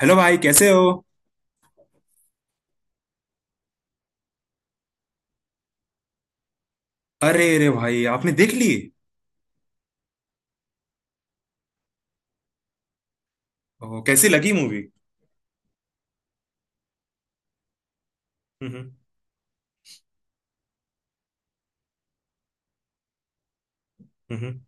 Hello भाई, कैसे हो? अरे अरे भाई, आपने देख ली। ओ, कैसी लगी मूवी? हम्म। हम्म।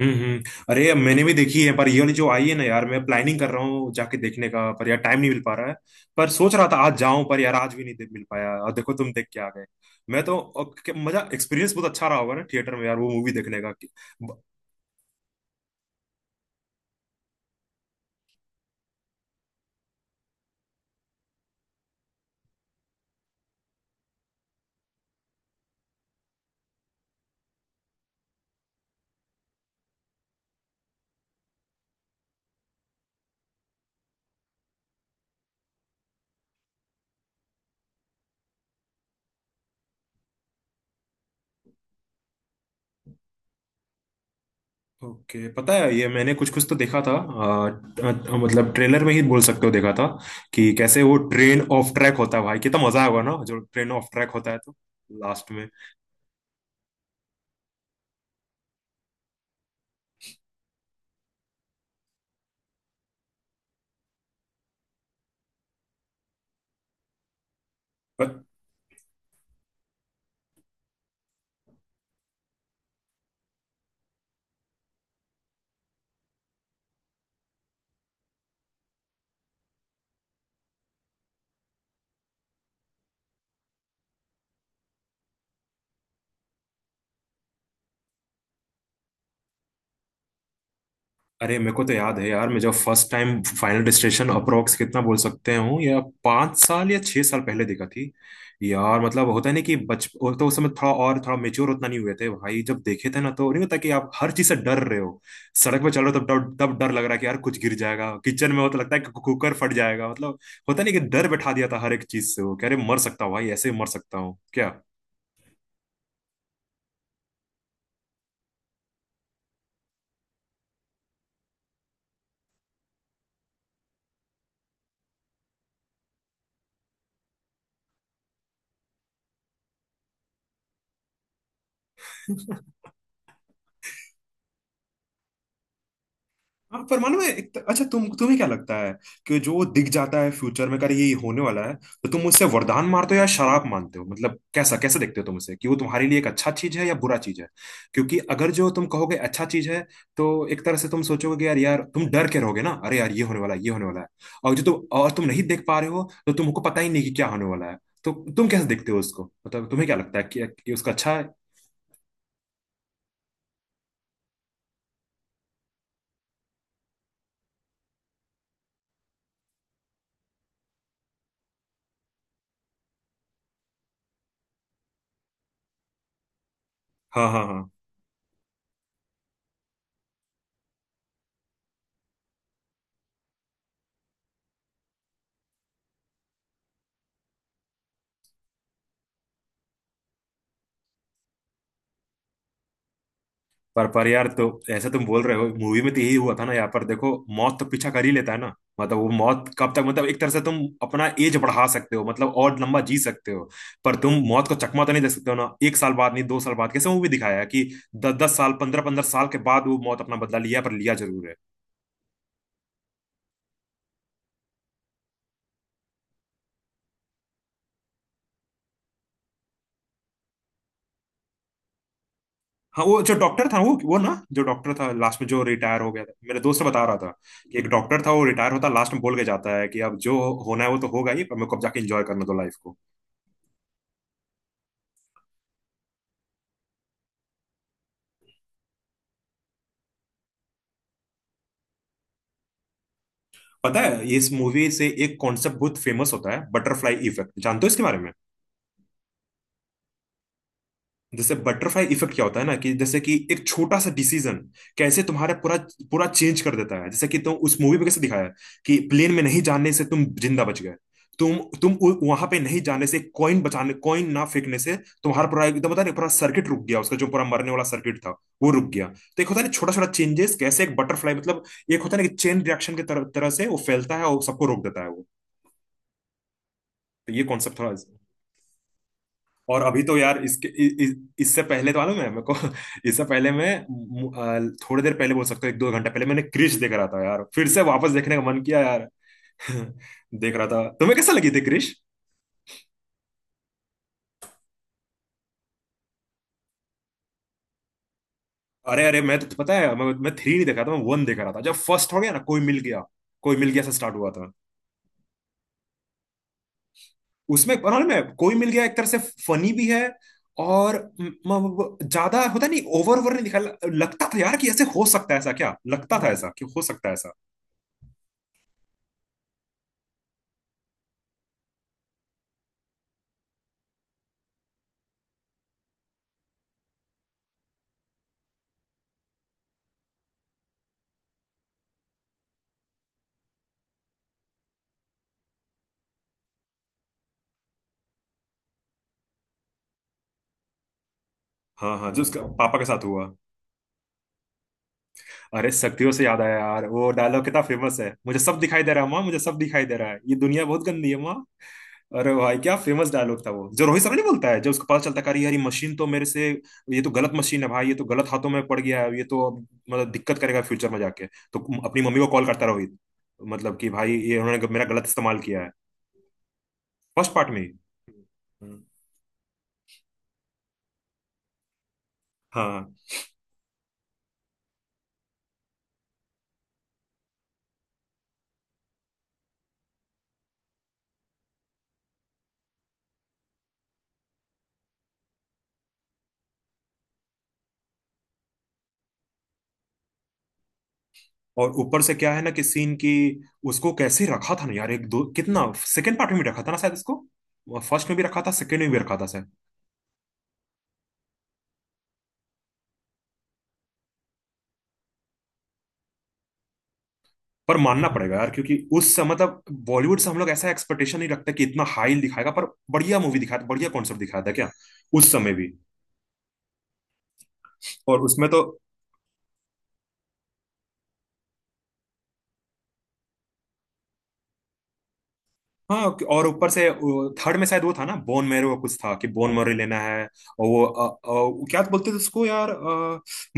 हम्म। हम्म। अरे मैंने भी देखी है, पर ये वाली जो आई है ना यार, मैं प्लानिंग कर रहा हूँ जाके देखने का, पर यार टाइम नहीं मिल पा रहा है। पर सोच रहा था आज जाऊं, पर यार आज भी नहीं मिल पाया, और देखो तुम देख के आ गए। मैं तो और मजा, एक्सपीरियंस बहुत अच्छा रहा होगा ना थिएटर में यार वो मूवी देखने का। ओके, पता है ये मैंने कुछ कुछ तो देखा था मतलब ट्रेलर में ही बोल सकते हो, देखा था कि कैसे वो ट्रेन ऑफ ट्रैक होता है। भाई कितना मजा आएगा ना, जो ट्रेन ऑफ ट्रैक होता है तो लास्ट में। अरे मेरे को तो याद है यार, मैं जब first time final destination approx कितना बोल सकते हूँ, या 5 साल या 6 साल पहले देखा थी। यार मतलब होता नहीं कि बच, वो तो उस समय थोड़ा, और थोड़ा मेच्योर उतना नहीं हुए थे भाई जब देखे थे ना, तो नहीं होता कि आप हर चीज से डर रहे हो। सड़क पे चल रहे हो तब तब डर लग रहा है कि यार कुछ गिर जाएगा, किचन में हो तो लगता है कि कुकर फट जाएगा, मतलब होता नहीं कि डर बैठा दिया था हर एक चीज से। वो कह रहे मर सकता हूँ भाई, ऐसे ही मर सकता हूँ क्या? हाँ परमाणु में अच्छा, तुम तुम्हें क्या लगता है, कि जो दिख जाता है फ्यूचर में कर ये होने वाला है, तो तुम उससे वरदान मानते हो या शराब मानते हो? मतलब कैसा कैसे देखते हो तुम उसे, कि वो तुम्हारे लिए एक अच्छा चीज है या बुरा चीज है? क्योंकि अगर जो तुम कहोगे अच्छा चीज है, तो एक तरह से तुम सोचोगे कि यार यार तुम डर के रहोगे ना, अरे यार ये होने वाला है, ये होने वाला है। और जो तुम, और तुम नहीं देख पा रहे हो तो तुमको पता ही नहीं कि क्या होने वाला है। तो तुम कैसे देखते हो उसको? मतलब तुम्हें क्या लगता है कि उसका अच्छा है? हाँ हाँ हाँ। पर यार, तो ऐसे तुम बोल रहे हो, मूवी में तो यही हुआ था ना, यहाँ पर देखो मौत तो पीछा कर ही लेता है ना। मतलब वो मौत कब तक, मतलब एक तरह से तुम अपना एज बढ़ा सकते हो, मतलब और लंबा जी सकते हो, पर तुम मौत को चकमा तो नहीं दे सकते हो ना। एक साल बाद नहीं, 2 साल बाद, कैसे मूवी दिखाया है कि 10 10 साल, 15 15 साल के बाद वो मौत अपना बदला लिया, पर लिया जरूर है। हाँ वो जो डॉक्टर था, वो ना जो डॉक्टर था लास्ट में जो रिटायर हो गया था, मेरे दोस्त बता रहा था कि एक डॉक्टर था वो रिटायर होता लास्ट में बोल के जाता है कि अब जो होना है वो तो होगा ही, पर मेरे को अब जाके एंजॉय करना दो लाइफ को। पता है ये इस मूवी से एक कॉन्सेप्ट बहुत फेमस होता है, बटरफ्लाई इफेक्ट, जानते हो इसके बारे में? जैसे बटरफ्लाई इफेक्ट क्या होता है ना, कि जैसे कि एक छोटा सा डिसीजन कैसे तुम्हारा पूरा पूरा चेंज कर देता है। जैसे कि तुम उस मूवी में कैसे दिखाया है कि प्लेन में नहीं जाने से तुम जिंदा बच गए, तुम वहां पे नहीं जाने से, कॉइन बचाने, कॉइन ना फेंकने से तुम्हारा पूरा एकदम पता नहीं पूरा सर्किट रुक गया, उसका जो पूरा मरने वाला सर्किट था वो रुक गया। तो एक होता है ना छोटा छोटा चेंजेस कैसे एक बटरफ्लाई, मतलब एक होता है ना कि चेन रिएक्शन की तरह तरह से वो फैलता है और सबको रोक देता है वो। तो ये कॉन्सेप्ट थोड़ा, और अभी तो यार इसके इ, इ, इससे पहले तो मालूम है मेरे को इससे पहले मैं थोड़ी देर पहले बोल सकता हूँ, एक दो घंटा पहले मैंने क्रिश देख रहा था यार, फिर से वापस देखने का मन किया यार। देख रहा था, तुम्हें कैसा लगी थी क्रिश? अरे अरे, मैं तो, पता है मैं थ्री नहीं देख रहा था, मैं वन देख रहा था, जब फर्स्ट हो गया ना कोई मिल गया, कोई मिल गया से स्टार्ट हुआ था। उसमें पता नहीं, मैं कोई मिल गया एक तरह से फनी भी है, और ज्यादा होता नहीं, ओवर ओवर नहीं दिखा। लगता था यार कि ऐसे हो सकता है, ऐसा क्या लगता था ऐसा कि हो सकता है ऐसा। हाँ हाँ, जो उसका पापा के साथ हुआ। अरे शक्तियों से याद आया यार, वो डायलॉग कितना फेमस है, मुझे सब दिखाई दे रहा है माँ, मुझे सब दिखाई दे रहा है, ये दुनिया बहुत गंदी है माँ। अरे भाई क्या फेमस डायलॉग था वो, जो रोहित शर्मा नहीं बोलता है जब उसको पता चलता है कि अरे यार ये मशीन तो मेरे से, ये तो गलत मशीन है भाई, ये तो गलत हाथों में पड़ गया है, ये तो अब मतलब दिक्कत करेगा फ्यूचर में जाके। तो अपनी मम्मी को कॉल करता है रोहित, मतलब कि भाई ये उन्होंने मेरा गलत इस्तेमाल किया है फर्स्ट पार्ट में ही। हम्म। हाँ, और ऊपर से क्या है ना कि सीन की उसको कैसे रखा था ना यार, एक दो कितना सेकंड पार्ट में भी रखा था ना शायद इसको, फर्स्ट में भी रखा था सेकंड में भी रखा था। पर मानना पड़ेगा यार, क्योंकि उस समय मतलब बॉलीवुड से हम लोग ऐसा एक्सपेक्टेशन नहीं रखते कि इतना हाई दिखाएगा, पर बढ़िया मूवी दिखाया था, बढ़िया कॉन्सेप्ट दिखाया था क्या उस समय भी। और उसमें तो हाँ, और ऊपर से थर्ड में शायद वो था ना बोन मैरो का, कुछ था कि बोन मैरो लेना है, और वो वो क्या बोलते थे उसको यार,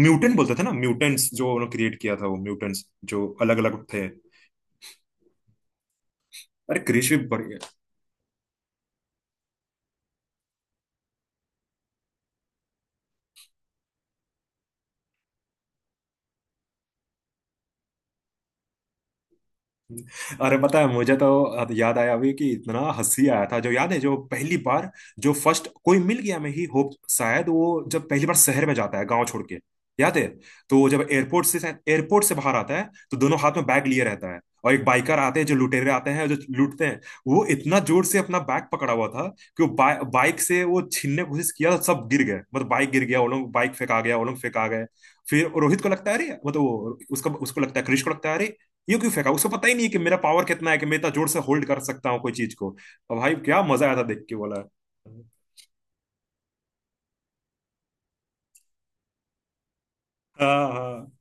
म्यूटेंट बोलते थे ना, म्यूटेंट्स जो उन्होंने क्रिएट किया था वो म्यूटेंट्स जो अलग अलग थे। अरे क्रिश भी, अरे पता है मुझे तो याद आया अभी कि इतना हंसी आया था जो याद है, जो पहली बार, जो फर्स्ट कोई मिल गया मैं ही होप शायद, वो जब पहली बार शहर में जाता है गांव छोड़ के, याद है? तो वो जब एयरपोर्ट से बाहर आता है, तो दोनों हाथ में बैग लिए रहता है, और एक बाइकर आते हैं जो लुटेरे आते हैं जो लूटते हैं। वो इतना जोर से अपना बैग पकड़ा हुआ था कि वो बाइक से वो छीनने की कोशिश किया, तो सब गिर गए, मतलब बाइक गिर गया वो लोग, बाइक फेंका गया वो लोग फेंका गए। फिर रोहित को लगता है अरे, मतलब वो उसका, उसको लगता है, कृष को लगता है, अरे यूं क्यों फेंका? उसको पता ही नहीं है कि मेरा पावर कितना है, कि मैं इतना जोर से होल्ड कर सकता हूँ कोई चीज को। और भाई क्या मजा आया था देख के बोला। हाँ हाँ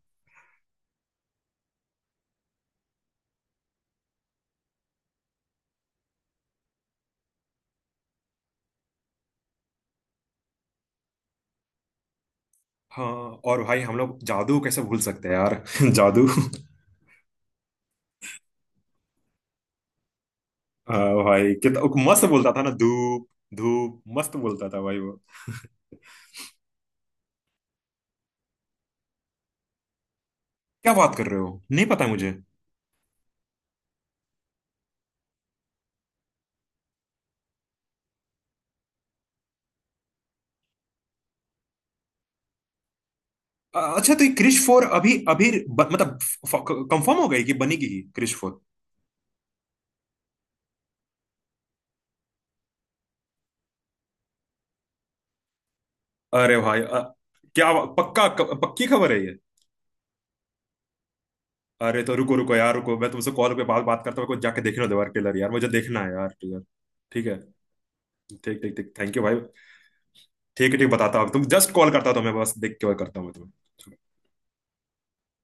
हाँ। और भाई हम लोग जादू कैसे भूल सकते हैं यार जादू। हाँ भाई कितना वो मस्त बोलता था ना, धूप, धूप मस्त बोलता था भाई वो। क्या बात कर रहे हो? नहीं पता मुझे। अच्छा, तो ये क्रिश फोर अभी अभी मतलब कंफर्म हो गई, कि बनेगी ही क्रिश फोर? अरे भाई क्या पक्का, पक्की खबर है ये? अरे तो रुको रुको यार रुको, मैं तुमसे कॉल पे बात बात करता हूँ, मेरे को जाके देखना दो यार टेलर, यार मुझे देखना है यार टेलर। ठीक है, ठीक ठीक ठीक थैंक यू भाई। ठीक है, ठीक बताता हूँ, तुम जस्ट कॉल करता था मैं, बस देख के कॉल करता हूँ मैं तुम्हें।